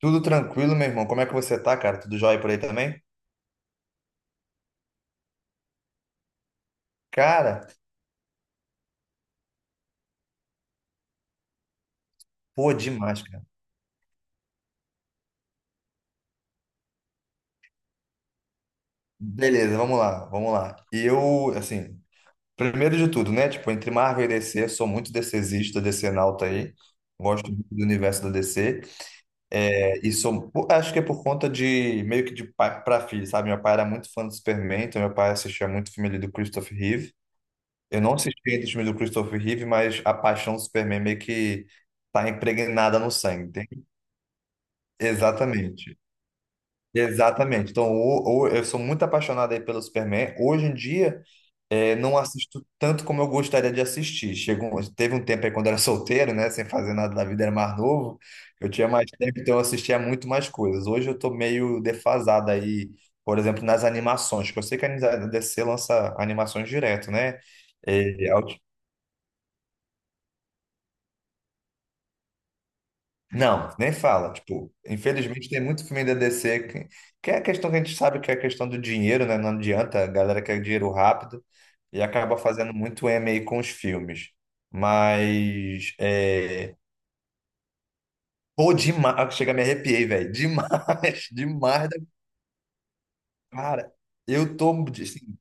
Tudo tranquilo, meu irmão. Como é que você tá, cara? Tudo jóia por aí também? Cara, pô, demais, cara. Beleza, vamos lá, vamos lá. E eu, assim, primeiro de tudo, né? Tipo, entre Marvel e DC, eu sou muito DCzista, DCnauta aí. Gosto muito do universo da DC. É, e sou, pô, acho que é por conta de, meio que de pai pra filho, sabe? Meu pai era muito fã do Superman, então meu pai assistia muito filme ali do Christopher Reeve. Eu não assisti ainda o filme do Christopher Reeve, mas a paixão do Superman meio que tá impregnada no sangue, entende? Exatamente. Exatamente. Então, eu sou muito apaixonado aí pelo Superman. Hoje em dia, não assisto tanto como eu gostaria de assistir. Teve um tempo aí quando eu era solteiro, né? Sem fazer nada da vida, era mais novo. Eu tinha mais tempo, então eu assistia muito mais coisas. Hoje eu tô meio defasado aí, por exemplo, nas animações, que eu sei que a DC lança animações direto, né? Eh, a ulti- não, nem fala. Tipo, infelizmente tem muito filme da DC que é a questão que a gente sabe que é a questão do dinheiro, né? Não adianta, a galera quer dinheiro rápido. E acaba fazendo muito MA com os filmes. Mas, pô, demais. Ah, chega, me arrepiei, velho. Demais, demais da cara. Eu tô, assim,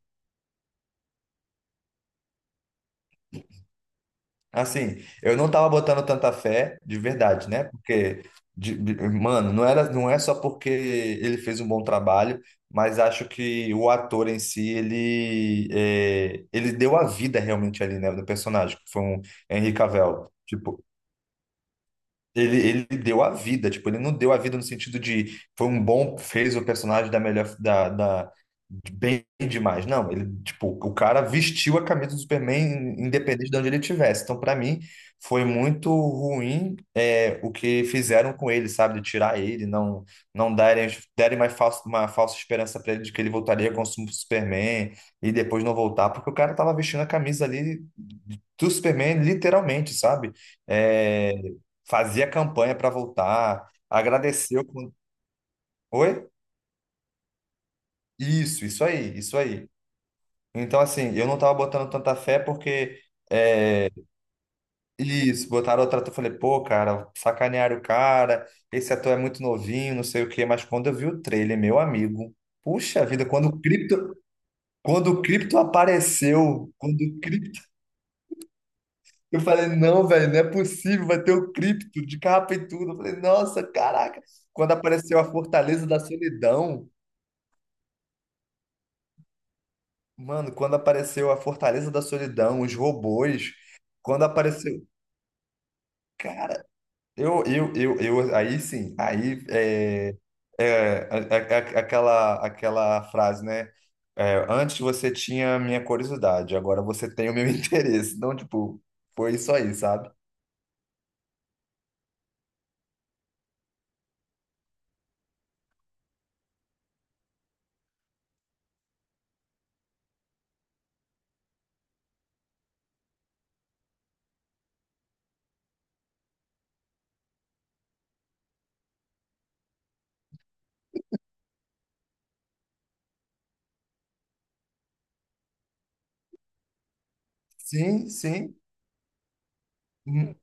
assim, eu não tava botando tanta fé, de verdade, né? Porque, mano, não era, não é só porque ele fez um bom trabalho, mas acho que o ator em si, ele deu a vida realmente ali, né, do personagem, que foi um Henry Cavill. Tipo, ele deu a vida, tipo, ele não deu a vida no sentido de foi um bom, fez o personagem da melhor, da de bem demais. Não, ele, tipo, o cara vestiu a camisa do Superman independente de onde ele estivesse. Então, pra mim, foi muito ruim o que fizeram com ele, sabe? De tirar ele, não não darem, derem mais falso, uma falsa esperança pra ele de que ele voltaria com o Superman e depois não voltar, porque o cara tava vestindo a camisa ali do Superman, literalmente, sabe? É, fazia campanha para voltar, agradeceu com... Oi? Isso aí, isso aí. Então, assim, eu não tava botando tanta fé porque isso, botaram outra ator, eu falei, pô, cara, sacanearam o cara, esse ator é muito novinho, não sei o quê, mas quando eu vi o trailer, meu amigo, puxa vida, quando o Crypto apareceu, eu falei, não, velho, não é possível, vai ter o Crypto de capa e tudo. Eu falei, nossa, caraca, quando apareceu a Fortaleza da Solidão, Mano, quando apareceu a Fortaleza da Solidão, os robôs, quando apareceu. Cara, eu aí sim, aí aquela frase, né? É, antes você tinha a minha curiosidade, agora você tem o meu interesse. Então, tipo, foi isso aí, sabe? Sim, sim. Hum,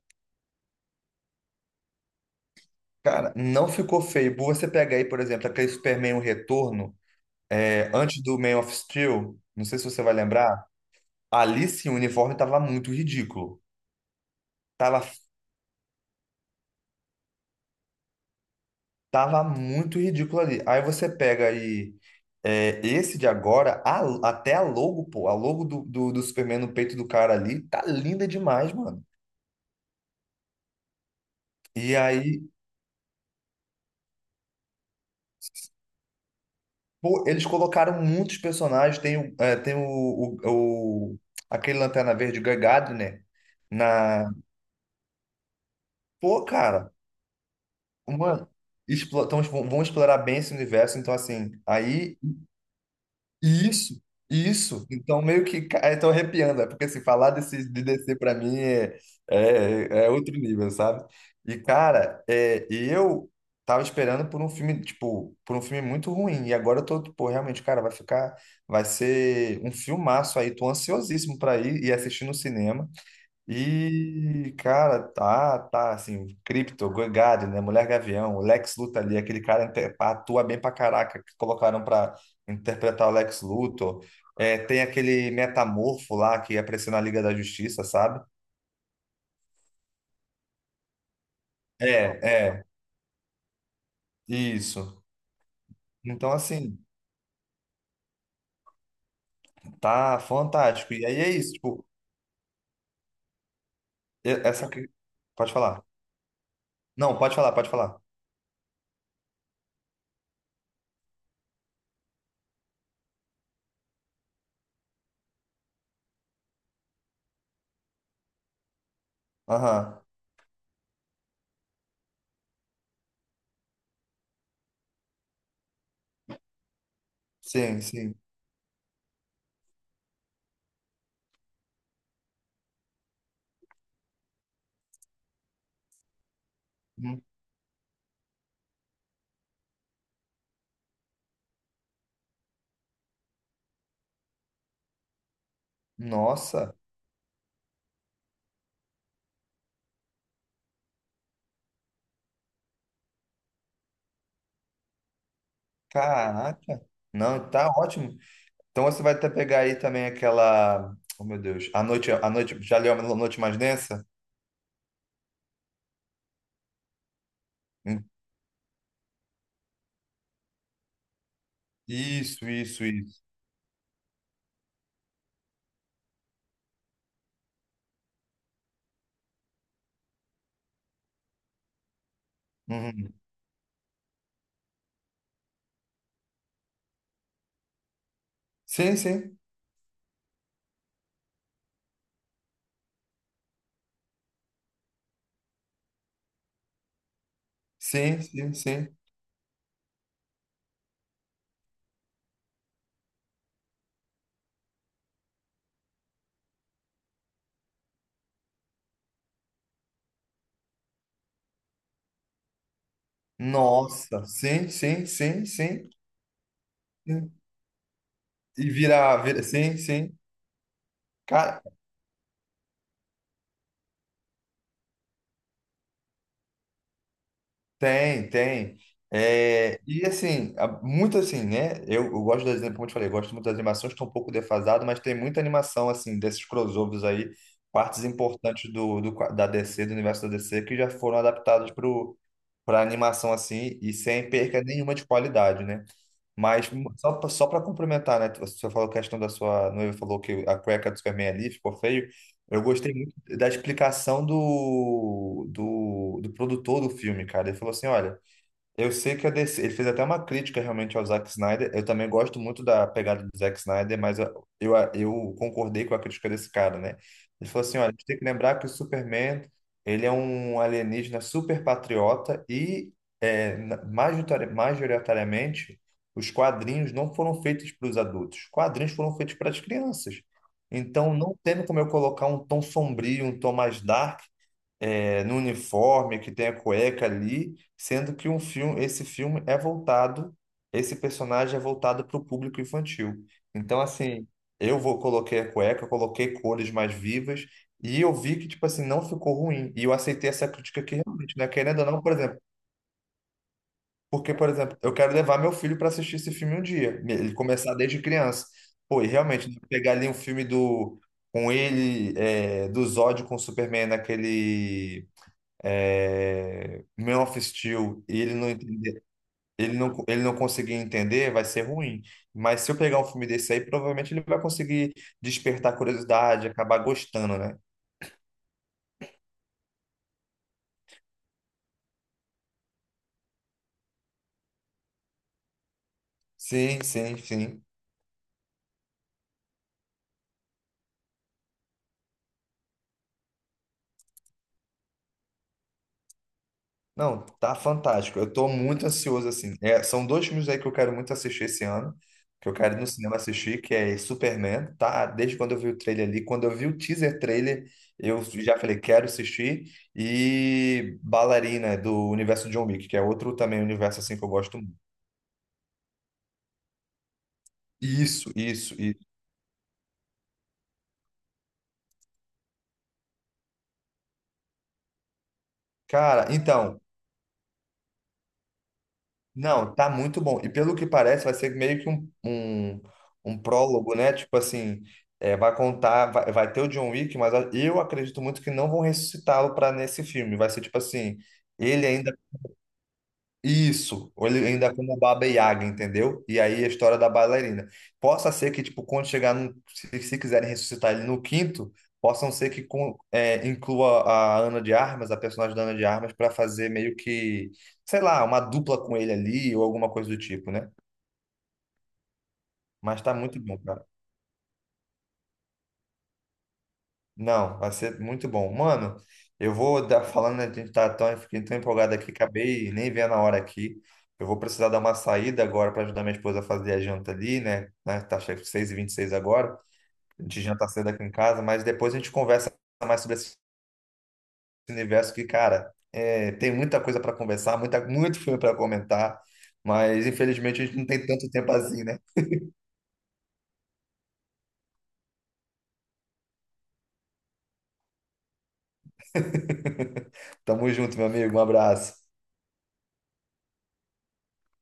Cara, não ficou feio. Você pega aí, por exemplo, aquele Superman O Retorno, antes do Man of Steel, não sei se você vai lembrar. Ali sim, o uniforme tava muito ridículo. Tava, tava muito ridículo ali. Aí você pega aí esse de agora, até a logo, pô, a logo do Superman no peito do cara ali, tá linda demais, mano. E aí, pô, eles colocaram muitos personagens. Tem o, o- aquele Lanterna Verde, o Guy Gardner, né? na... Pô, cara, mano, vão explorar bem esse universo, então assim, aí isso, isso. Então, meio que. Tô arrepiando, é porque se falar desse, de DC pra mim é outro nível, sabe? E, cara, eu tava esperando por um filme, tipo, por um filme muito ruim. E agora eu tô, tipo, realmente, cara, vai ficar. Vai ser um filmaço aí. Tô ansiosíssimo pra ir e assistir no cinema. E, cara, tá, assim, Crypto, Gogari, né, Mulher Gavião, o Lex Luthor ali, aquele cara atua bem pra caraca, que colocaram pra interpretar o Lex Luthor. É, tem aquele Metamorfo lá, que apareceu na Liga da Justiça, sabe? É, é, isso. Então, assim, tá fantástico. E aí é isso, tipo, e- essa... que- pode falar. Não, pode falar, pode falar. Aham, sim, sim. Hum, Nossa, caraca. Não, tá ótimo. Então você vai até pegar aí também aquela. Oh, meu Deus. Já leu a noite mais densa? Hum, Isso, isso, isso. Uhum. Sim, sim. Sim, sim, sim. Nossa, sim, sim, sim, sim. Sim. Sim, sim. Cara, tem. É, e assim, muito assim, né? Eu gosto das, como eu te falei, eu gosto muito das animações, estou um pouco defasado, mas tem muita animação, assim, desses crossovers aí, partes importantes do da DC, do universo da DC, que já foram adaptadas para animação, assim, e sem perca nenhuma de qualidade, né? Mas só, para complementar, né? Você falou a questão da sua noiva, falou que a cueca do Superman ali ficou feio. Eu gostei muito da explicação do produtor do filme, cara. Ele falou assim: olha, eu sei que a DC, ele fez até uma crítica realmente ao Zack Snyder. Eu também gosto muito da pegada do Zack Snyder, mas eu concordei com a crítica desse cara, né? Ele falou assim, olha, a gente tem que lembrar que o Superman, ele é um alienígena super patriota e majoritariamente os quadrinhos não foram feitos para os adultos. Os quadrinhos foram feitos para as crianças. Então não tem como eu colocar um tom sombrio, um tom mais dark no uniforme, que tem a cueca ali, sendo que um filme, esse filme é voltado, esse personagem é voltado para o público infantil. Então, assim, eu vou coloquei a cueca, coloquei cores mais vivas e eu vi que, tipo assim, não ficou ruim. E eu aceitei essa crítica aqui realmente, né? Querendo ou não, por exemplo, porque, por exemplo, eu quero levar meu filho para assistir esse filme um dia, ele começar desde criança. Pô, e realmente, né, pegar ali um filme do com ele, do Zod com o Superman naquele meu assistiu e ele não entender, ele não conseguir entender, vai ser ruim. Mas se eu pegar um filme desse aí, provavelmente ele vai conseguir despertar curiosidade, acabar gostando, né? Sim, sim, sim. Não, tá fantástico. Eu tô muito ansioso, assim. É, são dois filmes aí que eu quero muito assistir esse ano, que eu quero ir no cinema assistir, que é Superman, tá? Desde quando eu vi o trailer ali, quando eu vi o teaser trailer, eu já falei, quero assistir. E Ballerina, do universo John Wick, que é outro também universo, assim, que eu gosto muito. Isso, isso, isso. Cara, então, não, tá muito bom. E pelo que parece, vai ser meio que um, um prólogo, né? Tipo assim, vai contar, vai ter o John Wick, mas eu acredito muito que não vão ressuscitá-lo para nesse filme. Vai ser tipo assim, ele ainda isso, ou ele ainda é como Baba Yaga, entendeu? E aí a história da bailarina. Possa ser que, tipo, quando chegar se quiserem ressuscitar ele no quinto, possam ser que inclua a Ana de Armas, a personagem da Ana de Armas, para fazer meio que, sei lá, uma dupla com ele ali ou alguma coisa do tipo, né? Mas tá muito bom, cara. Não, vai ser muito bom. Mano, eu vou dar, falando, a gente tá tão, fiquei tão empolgado aqui, acabei nem vendo a hora aqui. Eu vou precisar dar uma saída agora para ajudar minha esposa a fazer a janta ali, né? Né, tá chegando 6:26 agora. A gente janta cedo aqui em casa, mas depois a gente conversa mais sobre esse universo que, cara, tem muita coisa para conversar, muita, muito filme para comentar, mas infelizmente a gente não tem tanto tempo assim, né? Tamo junto, meu amigo. Um abraço.